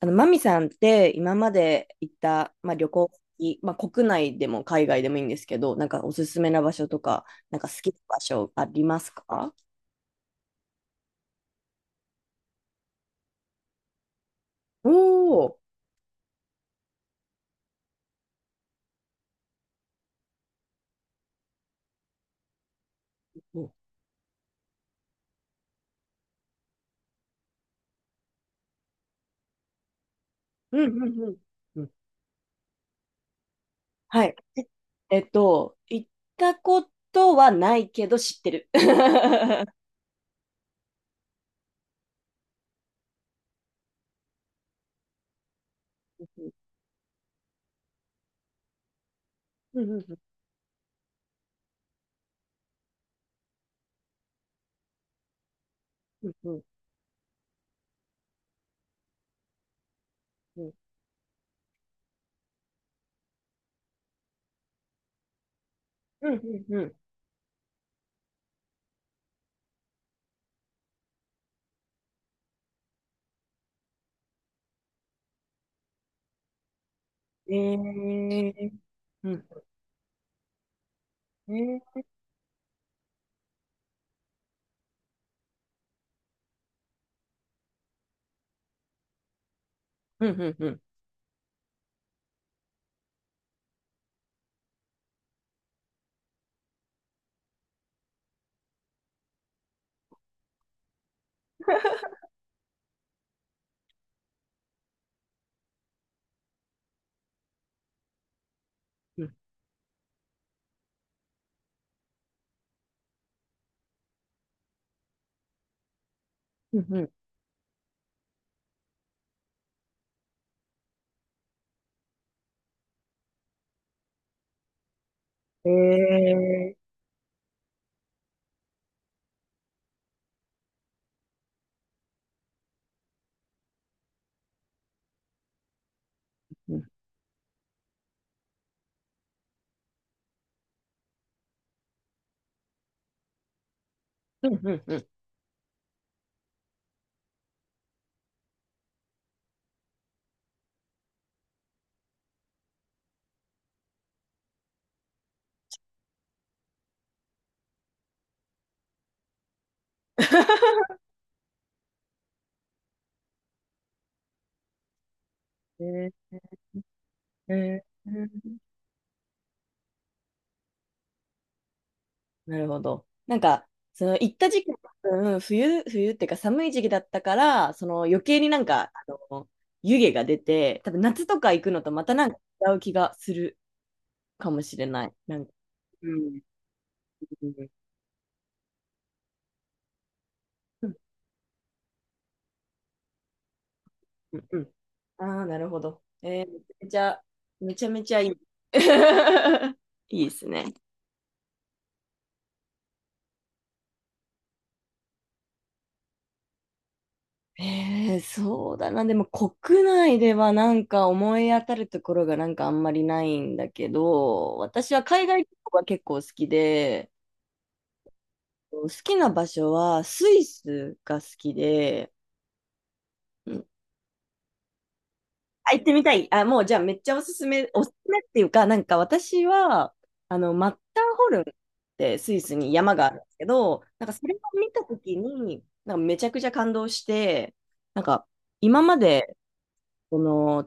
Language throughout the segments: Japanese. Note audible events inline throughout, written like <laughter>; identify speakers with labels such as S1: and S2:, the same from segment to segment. S1: マミさんって今まで行った、まあ、旅行先、まあ、国内でも海外でもいいんですけど、なんかおすすめな場所とか、なんか好きな場所ありますか？おおー。うんうんうん。うん。はい。行ったことはないけど知ってる。<laughs> うんうんうんうんうんうんうんうん。えー。うん。えー。うんうんうんうんうんうん。えー。うんうんうんうん。 <laughs> ええー、なるほど。なんか、その行った時期は多分冬、冬っていうか寒い時期だったから、その余計になんか、の、湯気が出て、多分夏とか行くのとまたなんか違う気がするかもしれない。なんか、うん。うん。うんうんうん。ああ、なるほど。めちゃめちゃ、めちゃめちゃいい。<laughs> いいですね。ええ、そうだな。でも国内ではなんか思い当たるところがなんかあんまりないんだけど、私は海外旅行が結構好きで、好きな場所はスイスが好きで、うん、あ、行ってみたい。あ、もうじゃあめっちゃおすすめ、おすすめっていうか、なんか私は、マッターホルンってスイスに山があるんですけど、なんかそれを見たときに、なんかめちゃくちゃ感動して、なんか今まで、その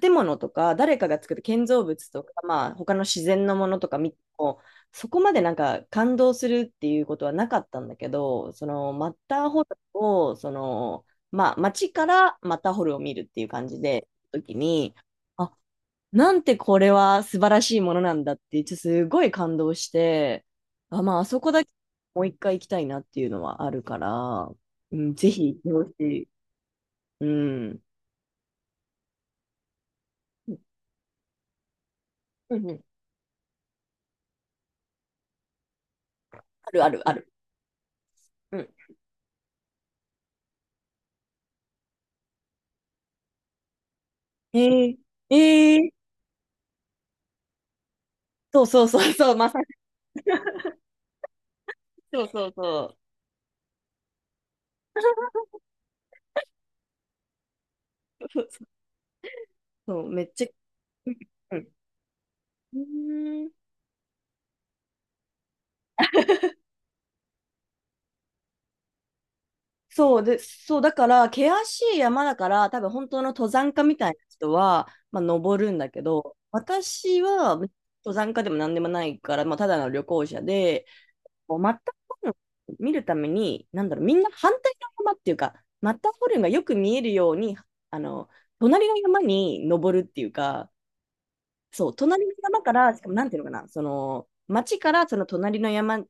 S1: 建物とか誰かが作る建造物とか、まあ、他の自然のものとか見てもそこまでなんか感動するっていうことはなかったんだけど、そのマッターホルンをその、まあ、街からマッターホルンを見るっていう感じで時に、あ、なんてこれは素晴らしいものなんだってちょっとすごい感動して、あ、まあ、あそこだけもう一回行きたいなっていうのはあるから、うん、ぜひ行ってほしい。うん、うんうん、あるあるある。うん。ええ、ええ、そうそうそうそう、まさしそうそうそう。<laughs> そう、そうめっちゃ、うん。うーん、そうで、そう、だから、険しい山だから、多分本当の登山家みたいな人は、まあ、登るんだけど、私は登山家でも何でもないから、まあ、ただの旅行者で、こうマッターホルンを見るために、なんだろう、みんな反対の山っていうか、マッターホルンがよく見えるように、あの、隣の山に登るっていうか、そう、隣の山から、しかもなんていうのかな、その、町からその隣の山、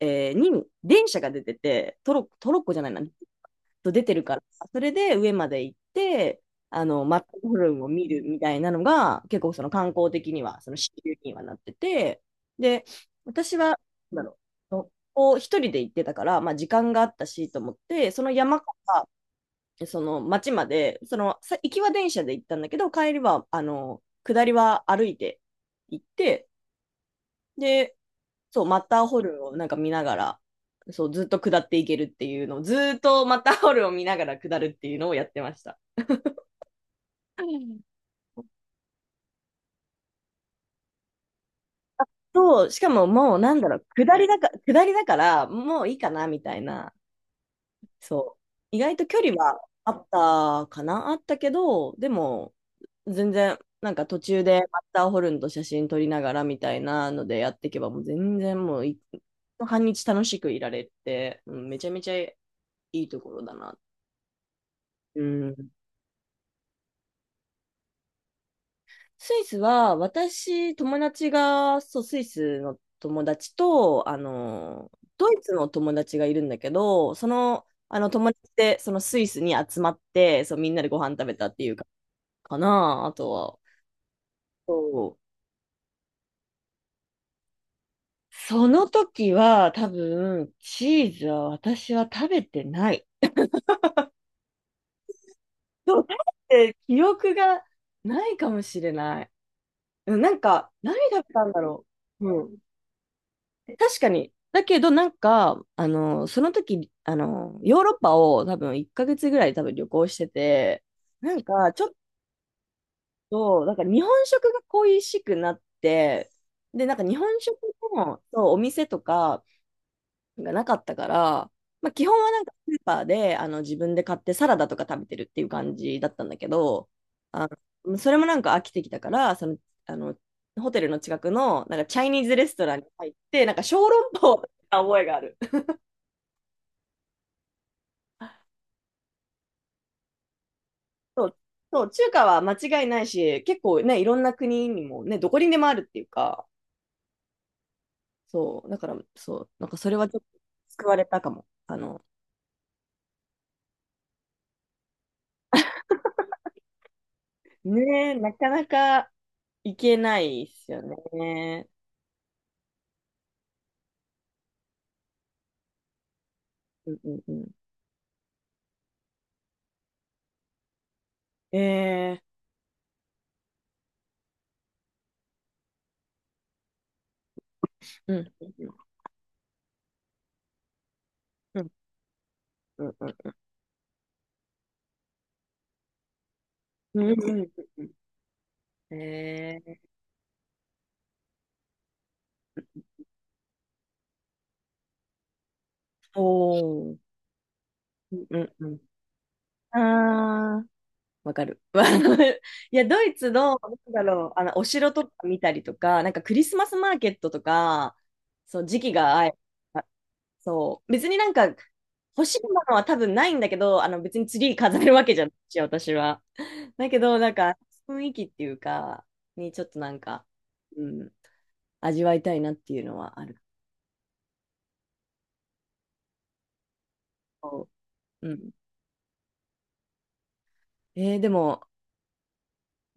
S1: に電車が出てて、トロッコ、トロッコじゃないな、と出てるから、それで上まで行って、マッターホルンを見るみたいなのが、結構その観光的には、その支流にはなってて、で、私は、なんだろう、こう一人で行ってたから、まあ時間があったしと思って、その山からその町まで、その行きは電車で行ったんだけど、帰りは、下りは歩いて行って、で、そう、マッターホルンをなんか見ながら、そう、ずっと下っていけるっていうのを、ずーっとマッターホルンを見ながら下るっていうのをやってました。そう、しかももうなんだろう、下りだから、もういいかなみたいな。そう。意外と距離はあったかなあったけど、でも、全然、なんか途中でマッターホルンと写真撮りながらみたいなのでやっていけば、もう全然もうい、半日楽しくいられて、うん、めちゃめちゃいいところだな。うん。スイスは、私、友達が、そう、スイスの友達と、ドイツの友達がいるんだけど、その、あの友達で、そのスイスに集まって、そう、みんなでご飯食べたっていうかな、あとは。そう。その時は多分チーズは私は食べてない。そう、食べて記憶がないかもしれない。うん、なんか、何食べたんだろう。うん。確かに。だけどなんか、その時、ヨーロッパを多分1ヶ月ぐらい多分旅行してて、なんかちょっと、なんか日本食が恋しくなって、で、なんか日本食のそうお店とか、がなかったから、まあ、基本はなんかスーパーで自分で買ってサラダとか食べてるっていう感じだったんだけど、あそれもなんか飽きてきたから、あの、ホテルの近くのなんかチャイニーズレストランに入って、なんか小籠包を食べた覚えがある。<laughs> そう、そう中華は間違いないし、結構ね、いろんな国にもね、どこにでもあるっていうか、そう、だから、そう、なんかそれはちょっと救われたかも。ねえ、なかなか行けないですよね。うんうんうん。ええ。うん、うん、うん、うん、うん、うん、うん。ええ。おー、うん、うんうん、ああ、わかる。<laughs> いや、ドイツの、なんだろう、お城とか見たりとか、なんかクリスマスマーケットとか、そう、時期が合えば、そう、別になんか、欲しいものは多分ないんだけど、別にツリー飾るわけじゃないし、私は。だけど、なんか、雰囲気っていうか、にちょっとなんか、うん、味わいたいなっていうのはある。うん。でも、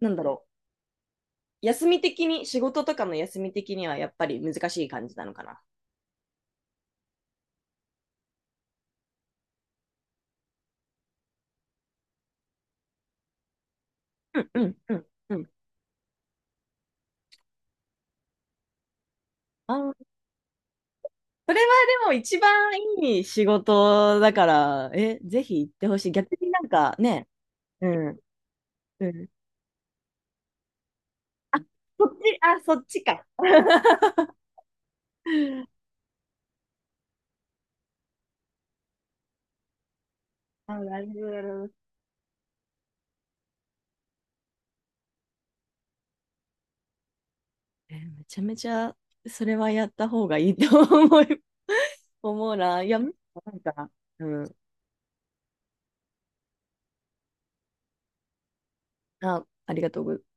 S1: なんだろう。休み的に、仕事とかの休み的にはやっぱり難しい感じなのかな。うんうんうんうん。あー、それはでも一番いい仕事だから、ぜひ行ってほしい。逆になんかね、うんうん、あ、そっち、あ、そっちか。あ、なるほど、なるほど。めちゃめちゃ、それはやった方がいいと思う <laughs> 思うな。いや、なんか、うん。あ、ありがとうございます。